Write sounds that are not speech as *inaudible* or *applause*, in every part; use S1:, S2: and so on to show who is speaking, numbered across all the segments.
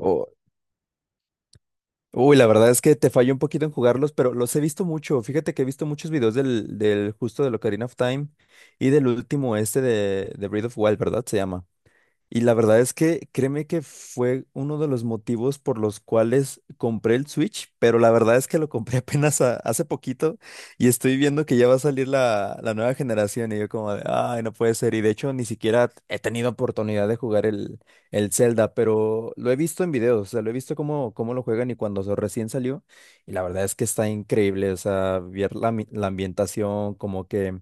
S1: O uy, la verdad es que te fallo un poquito en jugarlos, pero los he visto mucho. Fíjate que he visto muchos videos del justo del Ocarina of Time y del último este de Breath of Wild, ¿verdad? Se llama. Y la verdad es que créeme que fue uno de los motivos por los cuales compré el Switch, pero la verdad es que lo compré *laughs* hace poquito y estoy viendo que ya va a salir la nueva generación y yo como de, ay, no puede ser. Y de hecho ni siquiera he tenido oportunidad de jugar el Zelda, pero lo he visto en videos, o sea, lo he visto cómo, cómo lo juegan y cuando recién salió. Y la verdad es que está increíble, o sea, ver la ambientación, como que...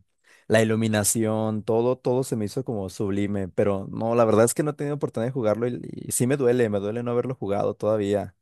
S1: La iluminación, todo, todo se me hizo como sublime, pero no, la verdad es que no he tenido oportunidad de jugarlo y sí me duele no haberlo jugado todavía.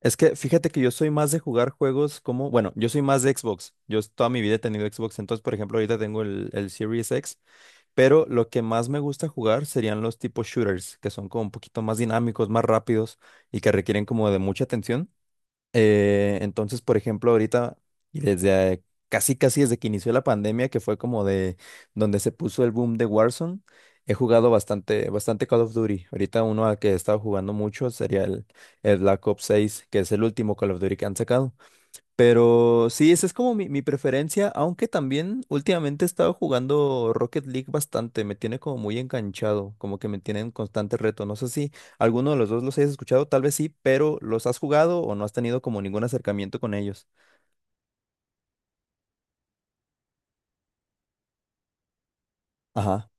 S1: Es que fíjate que yo soy más de jugar juegos como, bueno, yo soy más de Xbox, toda mi vida he tenido Xbox, entonces por ejemplo ahorita tengo el Series X, pero lo que más me gusta jugar serían los tipos shooters, que son como un poquito más dinámicos, más rápidos y que requieren como de mucha atención. Entonces, por ejemplo, ahorita y desde casi casi desde que inició la pandemia, que fue como de donde se puso el boom de Warzone, he jugado bastante, bastante Call of Duty. Ahorita uno al que he estado jugando mucho sería el Black Ops 6, que es el último Call of Duty que han sacado. Pero sí, esa es como mi preferencia, aunque también últimamente he estado jugando Rocket League bastante, me tiene como muy enganchado, como que me tiene en constante reto. No sé si alguno de los dos los hayas escuchado, tal vez sí, pero ¿los has jugado o no has tenido como ningún acercamiento con ellos? Ajá,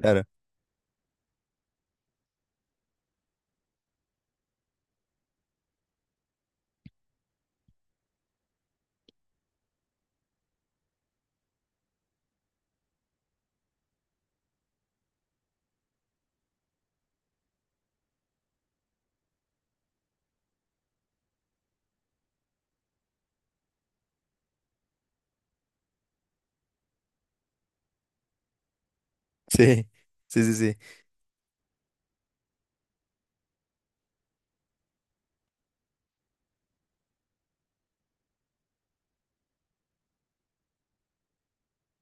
S1: claro. *laughs* Sí, sí, sí, sí.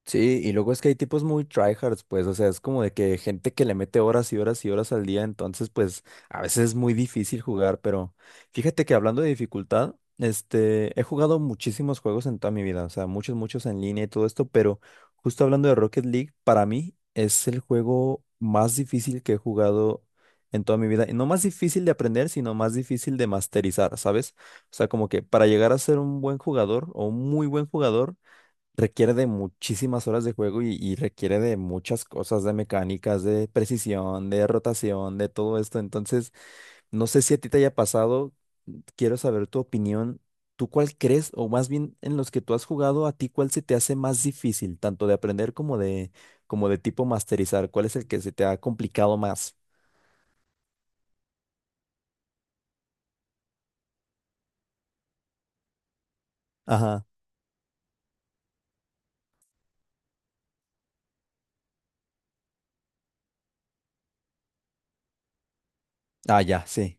S1: Sí, y luego es que hay tipos muy tryhards, pues, o sea, es como de que gente que le mete horas y horas y horas al día, entonces, pues, a veces es muy difícil jugar, pero fíjate que hablando de dificultad, este, he jugado muchísimos juegos en toda mi vida, o sea, muchos, muchos en línea y todo esto, pero justo hablando de Rocket League, para mí es el juego más difícil que he jugado en toda mi vida, y no más difícil de aprender, sino más difícil de masterizar, ¿sabes? O sea, como que para llegar a ser un buen jugador o un muy buen jugador, requiere de muchísimas horas de juego y requiere de muchas cosas, de mecánicas, de precisión, de rotación, de todo esto. Entonces, no sé si a ti te haya pasado, quiero saber tu opinión. ¿Tú cuál crees, o más bien en los que tú has jugado, a ti cuál se te hace más difícil, tanto de aprender como como de tipo masterizar? ¿Cuál es el que se te ha complicado más? Ajá. Ah, ya, sí.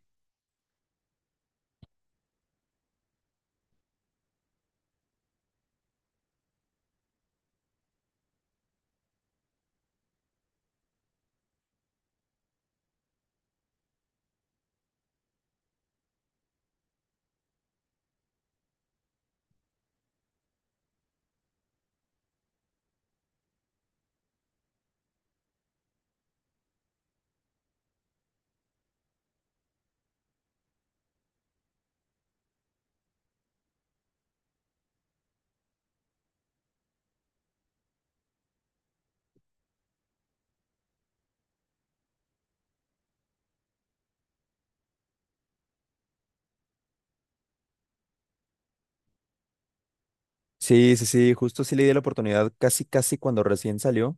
S1: Sí, sí, sí, justo sí le di la oportunidad casi, casi cuando recién salió.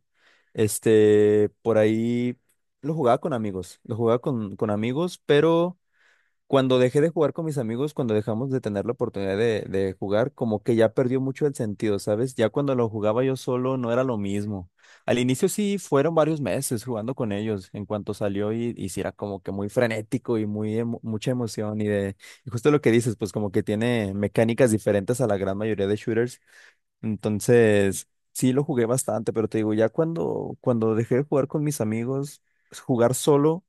S1: Este, por ahí lo jugaba con amigos, lo jugaba con amigos, pero cuando dejé de jugar con mis amigos, cuando dejamos de tener la oportunidad de jugar, como que ya perdió mucho el sentido, ¿sabes? Ya cuando lo jugaba yo solo no era lo mismo. Al inicio sí fueron varios meses jugando con ellos, en cuanto salió y sí era como que muy frenético y mucha emoción y de... Y justo lo que dices, pues como que tiene mecánicas diferentes a la gran mayoría de shooters entonces, sí lo jugué bastante, pero te digo, ya cuando dejé de jugar con mis amigos, jugar solo,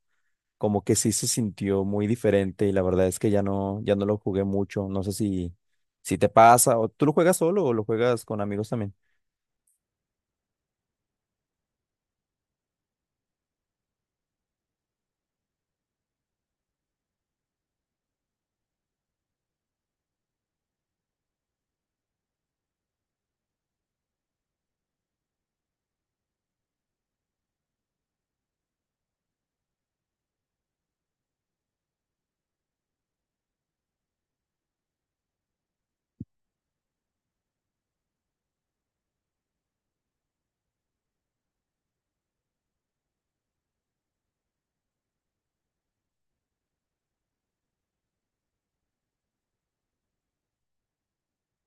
S1: como que sí se sintió muy diferente y la verdad es que ya no, ya no lo jugué mucho. No sé si, si te pasa o tú lo juegas solo o lo juegas con amigos también.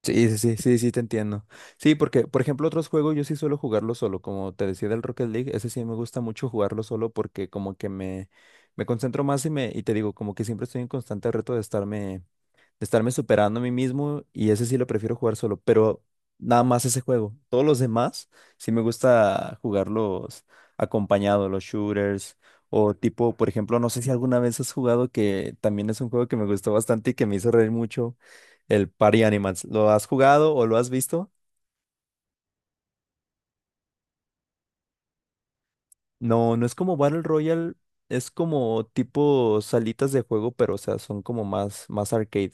S1: Sí, sí, sí, sí, sí, te entiendo. Sí, porque, por ejemplo, otros juegos yo sí suelo jugarlo solo, como te decía del Rocket League, ese sí me gusta mucho jugarlo solo porque como que me concentro más y me, y te digo, como que siempre estoy en constante reto de estarme superando a mí mismo y ese sí lo prefiero jugar solo, pero nada más ese juego. Todos los demás sí me gusta jugarlos acompañado, los shooters o tipo, por ejemplo, no sé si alguna vez has jugado que también es un juego que me gustó bastante y que me hizo reír mucho, el Party Animals. ¿Lo has jugado o lo has visto? No, no es como Battle Royale, es como tipo salitas de juego, pero o sea, son como más, más arcade.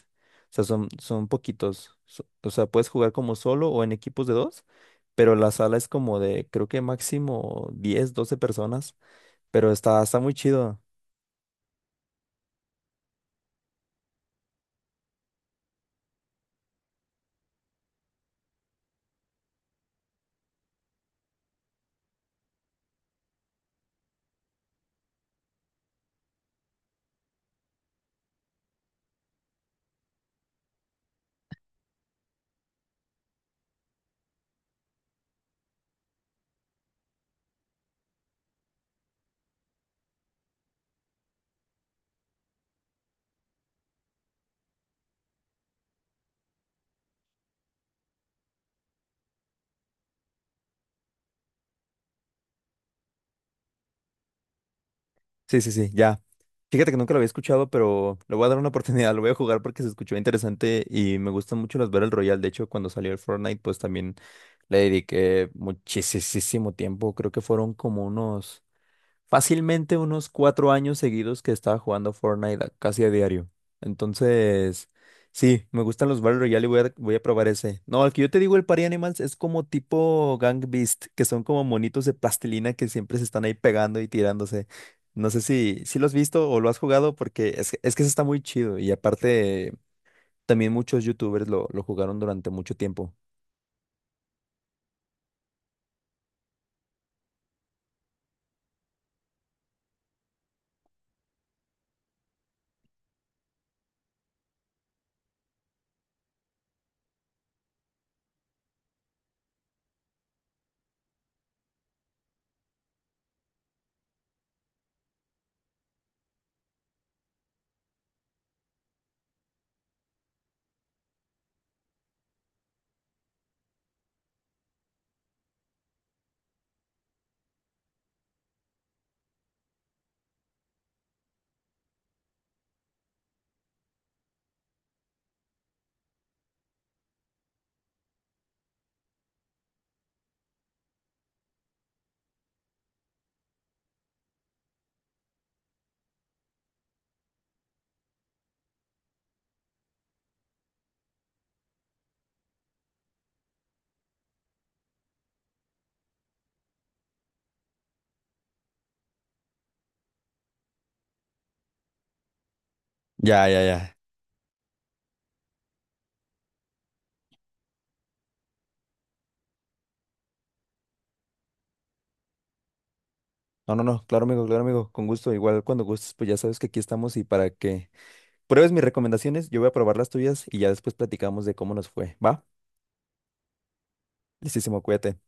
S1: O sea, son, son poquitos. O sea, puedes jugar como solo o en equipos de dos, pero la sala es como de, creo que máximo 10, 12 personas, pero está, está muy chido. Sí, sí, sí, ya. Fíjate que nunca lo había escuchado, pero le voy a dar una oportunidad, *laughs* lo voy a jugar porque se escuchó interesante y me gustan mucho los Battle Royale. De hecho, cuando salió el Fortnite, pues también le dediqué muchísimo tiempo. Creo que fueron como unos Fácilmente unos 4 años seguidos que estaba jugando Fortnite casi a diario. Entonces, sí, me gustan los Battle Royale y voy a probar ese. No, el que yo te digo, el Party Animals, es como tipo Gang Beast, que son como monitos de plastilina que siempre se están ahí pegando y tirándose. No sé si, si lo has visto o lo has jugado, porque es que ese está muy chido. Y aparte, también muchos YouTubers lo jugaron durante mucho tiempo. Ya, ya, ya. No, no, no, claro, amigo, con gusto. Igual cuando gustes, pues ya sabes que aquí estamos y para que pruebes mis recomendaciones, yo voy a probar las tuyas y ya después platicamos de cómo nos fue. Va, listísimo, cuídate.